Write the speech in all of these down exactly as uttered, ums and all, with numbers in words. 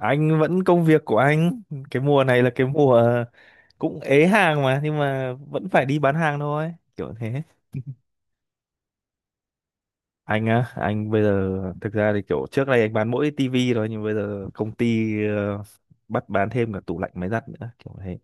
Anh vẫn công việc của anh. Cái mùa này là cái mùa cũng ế hàng mà, nhưng mà vẫn phải đi bán hàng thôi kiểu thế. Anh á, anh bây giờ thực ra thì kiểu trước đây anh bán mỗi tivi thôi, nhưng bây giờ công ty ờ, bắt bán thêm cả tủ lạnh, máy giặt nữa kiểu thế.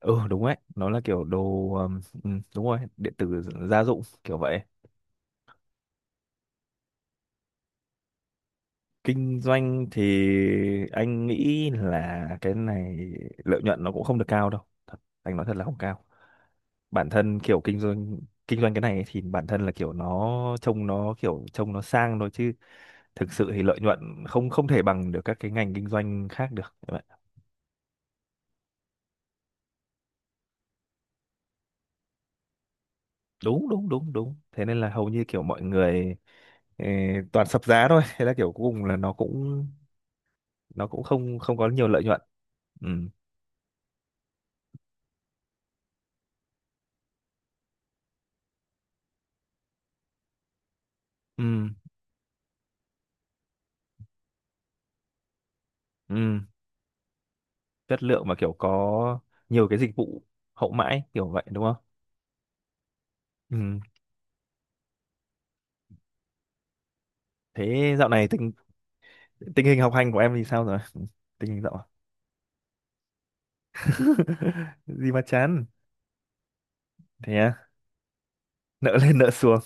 Ừ đúng đấy, nó là kiểu đồ ừm, ừm, đúng rồi, điện tử gia dụng kiểu vậy. Kinh doanh thì anh nghĩ là cái này lợi nhuận nó cũng không được cao đâu. Thật, anh nói thật là không cao. Bản thân kiểu kinh doanh, kinh doanh cái này ấy, thì bản thân là kiểu nó trông, nó kiểu trông nó sang thôi, chứ thực sự thì lợi nhuận không không thể bằng được các cái ngành kinh doanh khác được các bạn. Đúng đúng đúng đúng, thế nên là hầu như kiểu mọi người ờ, toàn sập giá thôi, thế là kiểu cuối cùng là nó cũng, nó cũng không không có nhiều lợi nhuận. Ừ. Ừ. Ừ, chất lượng mà kiểu có nhiều cái dịch vụ hậu mãi kiểu vậy, đúng không? Ừ. thế dạo này tình tình hình học hành của em thì sao rồi? Ừ, tình hình dạo… Gì mà chán? Thế à? Nợ lên nợ xuống?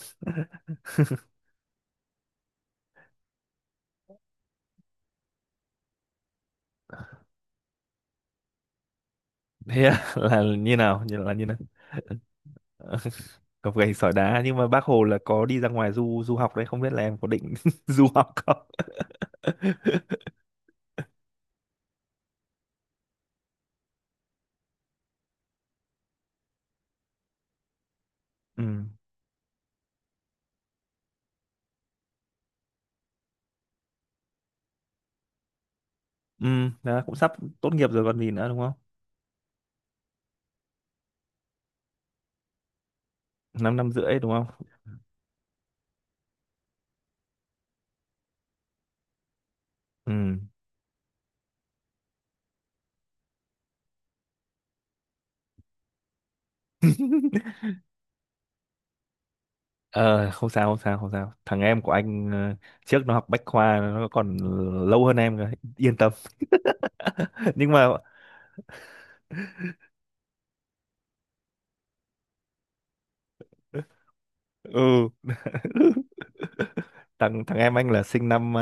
Thế à? Là như nào, như là như nào? Ờ, cọc gạch sỏi đá, nhưng mà bác Hồ là có đi ra ngoài du du học đấy, không biết là em có định du học không? Ừ. Ừ. Đó, cũng sắp tốt nghiệp rồi còn gì nữa, đúng không? Năm năm rưỡi đúng không? Ừ. Ờ không sao, không sao, không sao, thằng em của anh ờ, trước nó học bách khoa, nó còn lâu hơn em rồi, yên tâm. Nhưng mà… Ừ. thằng thằng em anh là sinh năm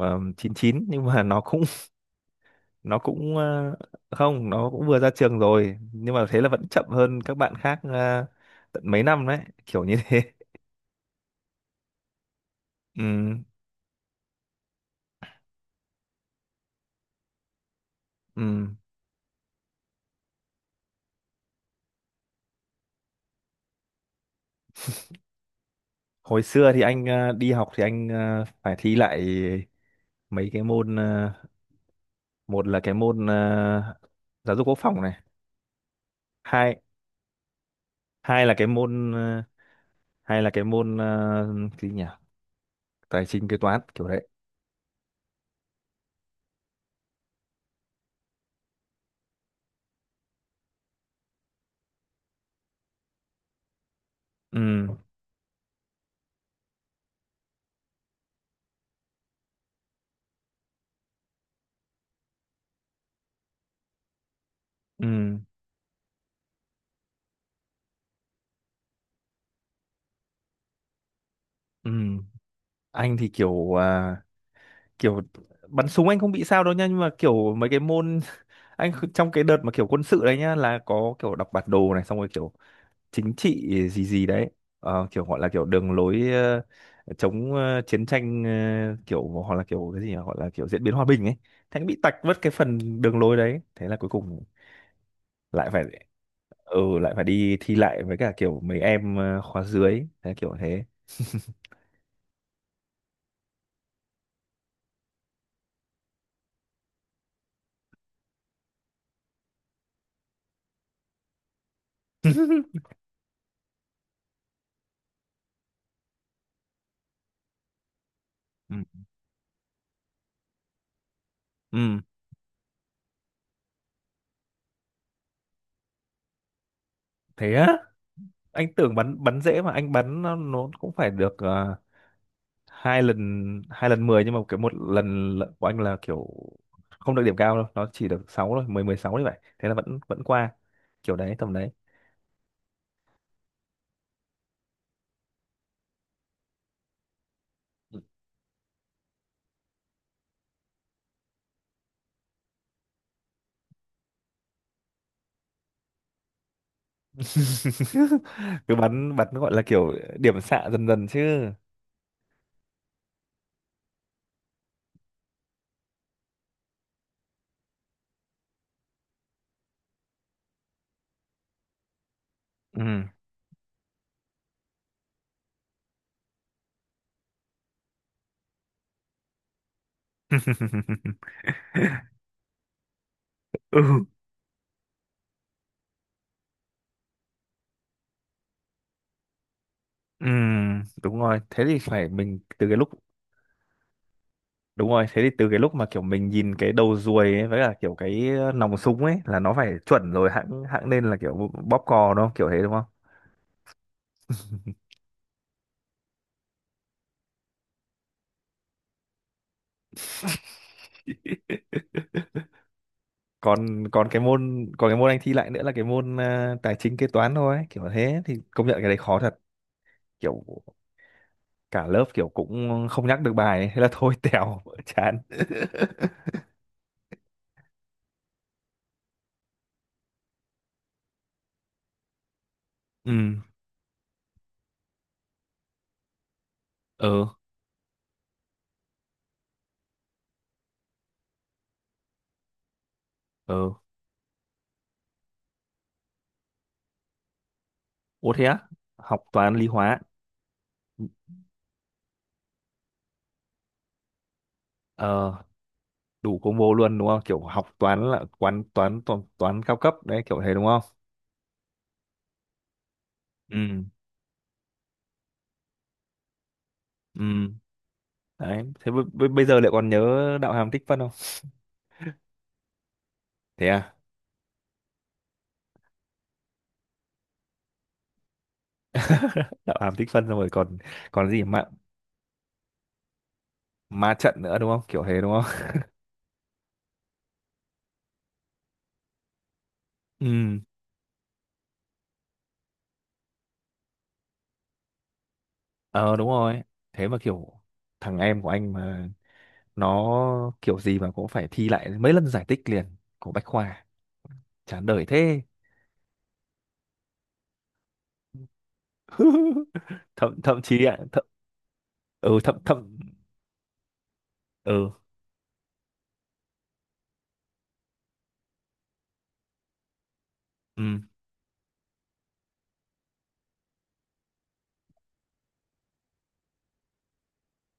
uh, chín chín, nhưng mà nó cũng, nó cũng ờ, không, nó cũng vừa ra trường rồi, nhưng mà thế là vẫn chậm hơn các bạn khác ờ, tận mấy năm đấy, kiểu như thế. Ừ, ừ. Hồi xưa thì anh ờ, đi học thì anh ờ, phải thi lại mấy cái môn ờ, một là cái môn ờ, giáo dục quốc phòng này, hai, hai là cái môn ờ, hai là cái môn ờ, cái gì nhỉ, tài chính kế toán kiểu đấy. Ừ. Ừ. Ừ, anh thì kiểu à, kiểu bắn súng anh không bị sao đâu nha, nhưng mà kiểu mấy cái môn… Anh kh- trong cái đợt mà kiểu quân sự đấy nhá, là có kiểu đọc bản đồ này, xong rồi kiểu chính trị gì gì đấy. Ờ, kiểu gọi là kiểu đường lối ờ, chống ờ, chiến tranh, ờ, kiểu hoặc là kiểu cái gì nhỉ? Gọi là kiểu diễn biến hòa bình ấy. Thế anh bị tạch mất cái phần đường lối đấy, thế là cuối cùng lại phải… Ừ, lại phải đi thi lại với cả kiểu mấy em ờ, khóa dưới, thế kiểu thế. Ừ, ừ. Thế á? Anh tưởng bắn, bắn dễ mà anh bắn nó, nó cũng phải được ờ, hai lần, hai lần mười, nhưng mà cái một lần lận của anh là kiểu không được điểm cao đâu, nó chỉ được sáu thôi, mười mười sáu như vậy, thế là vẫn vẫn qua kiểu đấy tầm đấy. Cứ bắn bắn gọi là kiểu điểm xạ dần dần chứ. Ừ. Ừ. Ừ, đúng rồi, thế thì phải mình từ cái lúc… Đúng rồi, thế thì từ cái lúc mà kiểu mình nhìn cái đầu ruồi ấy, với cả kiểu cái nòng súng ấy là nó phải chuẩn rồi, hãng hãng nên là kiểu bóp cò đúng không? Kiểu thế đúng không? Còn còn cái môn, còn cái môn anh thi lại nữa là cái môn à, tài chính kế toán thôi ấy, kiểu thế, thì công nhận cái đấy khó thật, kiểu cả lớp kiểu cũng không nhắc được bài ấy. Thế là thôi tèo. Chán. Ừ, ừ, ừ. Ủa thế á? Học toán lý hóa. Ờ, đủ combo luôn đúng không? Kiểu học toán là quán toán toán, toán cao cấp đấy kiểu thế đúng không? Ừ. Ừ. Đấy thế b- b- bây giờ lại còn nhớ đạo hàm tích phân không? Thế à? Đạo hàm tích phân xong rồi còn, còn gì ma, ma trận nữa đúng không, kiểu thế đúng không? Ừ. Ờ đúng rồi. Thế mà kiểu thằng em của anh mà nó kiểu gì mà cũng phải thi lại mấy lần giải tích liền, của Bách Khoa. Chán đời thế. thậm thậm chí ạ, thậm… Ừ thậm thậm. Ừ. Ừ.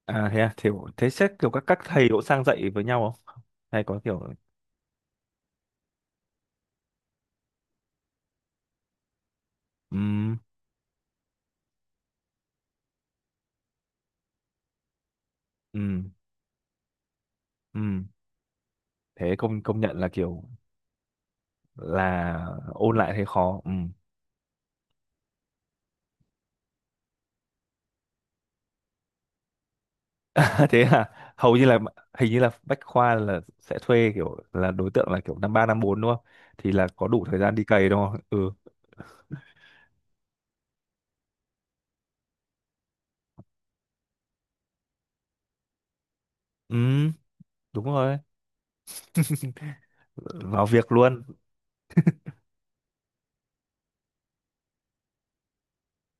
À thế à? Thế thế xét kiểu các các thầy cũng sang dạy với nhau không, hay có kiểu… Ừ. Ừ. Ừ, thế công công nhận là kiểu là ôn lại thấy khó. Ừ. Thế à? Hầu như là, hình như là bách khoa là sẽ thuê kiểu là đối tượng là kiểu năm ba năm bốn đúng không, thì là có đủ thời gian đi cày đúng không? Ừ. Ừ đúng rồi, vào việc luôn.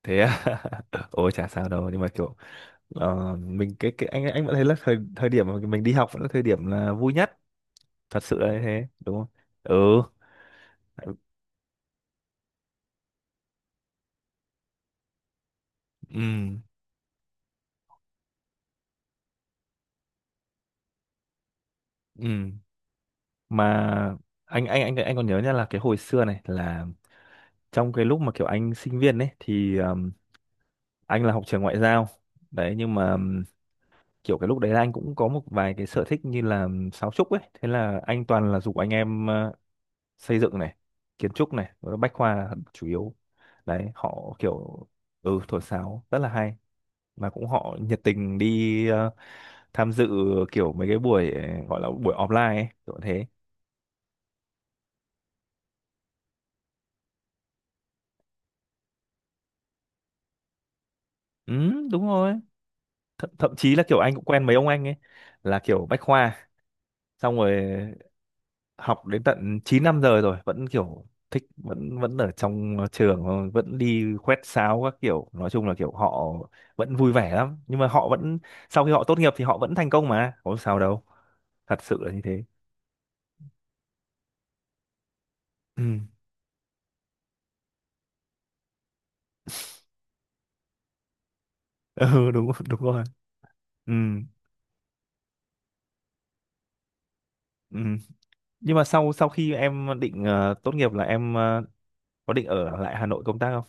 Thế à? Ôi chả sao đâu, nhưng mà kiểu ờ, mình cái cái anh anh vẫn thấy là thời thời điểm mà mình đi học vẫn là thời điểm là vui nhất, thật sự là như thế đúng không? Ừ. Ừ. Ừ mà anh anh anh anh còn nhớ nha, là cái hồi xưa này là trong cái lúc mà kiểu anh sinh viên ấy thì um, anh là học trường ngoại giao đấy, nhưng mà um, kiểu cái lúc đấy là anh cũng có một vài cái sở thích như là um, sáo trúc ấy, thế là anh toàn là giục anh em uh, xây dựng này, kiến trúc này, rồi bách khoa là chủ yếu đấy, họ kiểu… Ừ, thổi sáo rất là hay, mà cũng họ nhiệt tình đi uh, tham dự kiểu mấy cái buổi uh, gọi là buổi offline ấy, kiểu thế. Ừ đúng rồi. Th thậm chí là kiểu anh cũng quen mấy ông anh ấy là kiểu bách khoa, xong rồi học đến tận chín năm giờ rồi vẫn kiểu thích, vẫn vẫn ở trong trường thôi, vẫn đi quét sáo các kiểu, nói chung là kiểu họ vẫn vui vẻ lắm, nhưng mà họ vẫn, sau khi họ tốt nghiệp thì họ vẫn thành công mà có sao đâu, thật sự là như thế. Ừ, ừ đúng đúng rồi. Ừ, ừ. Nhưng mà sau, sau khi em định ờ, tốt nghiệp là em ờ, có định ở lại Hà Nội công tác không?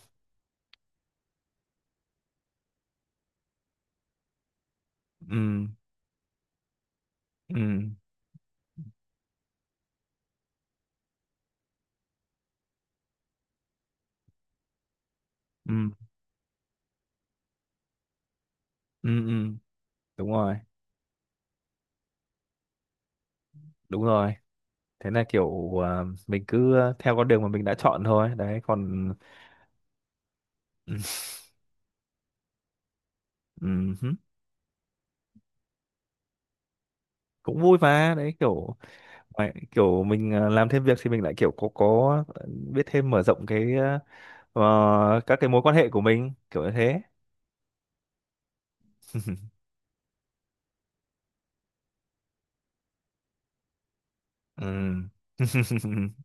Ừ, ừ, ừ, ừ, ừ. Đúng rồi. Đúng rồi, thế là kiểu à, mình cứ ờ, theo con đường mà mình đã chọn thôi đấy, còn… Ừ, ừ, hứ, cũng vui mà đấy kiểu ngoài- kiểu mình à, làm thêm việc thì mình lại kiểu có có ờ, biết thêm, mở rộng cái à, ờ, các cái mối quan hệ của mình kiểu như thế. Ừ.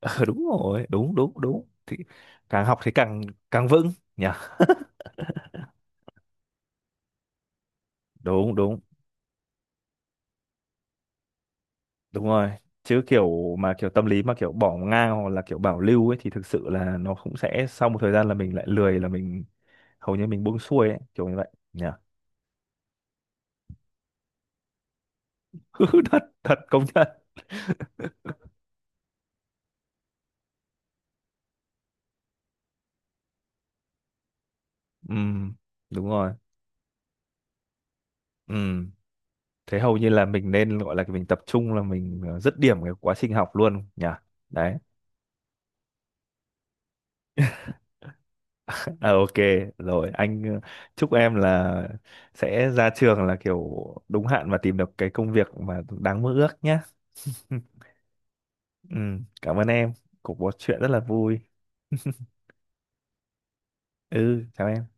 Ờ, đúng rồi đúng đúng đúng, thì càng học thì càng, càng vững nhỉ. Đúng đúng đúng rồi. Chứ kiểu mà kiểu tâm lý mà kiểu bỏ ngang hoặc là kiểu bảo lưu ấy, thì thực sự là nó cũng sẽ sau một thời gian là mình lại lười, là mình hầu như mình buông xuôi ấy, kiểu như vậy nhỉ. Thật thật công nhận. Ừm, đúng rồi. Ừm, thế hầu như là mình nên gọi là mình tập trung là mình ờ, dứt điểm cái quá trình học luôn nhỉ. Đấy. À, ok rồi anh ờ, chúc em là sẽ ra trường là kiểu đúng hạn và tìm được cái công việc mà đáng mơ ước nhé. Ừm, cảm ơn em, cuộc trò chuyện rất là vui. Ừ chào em.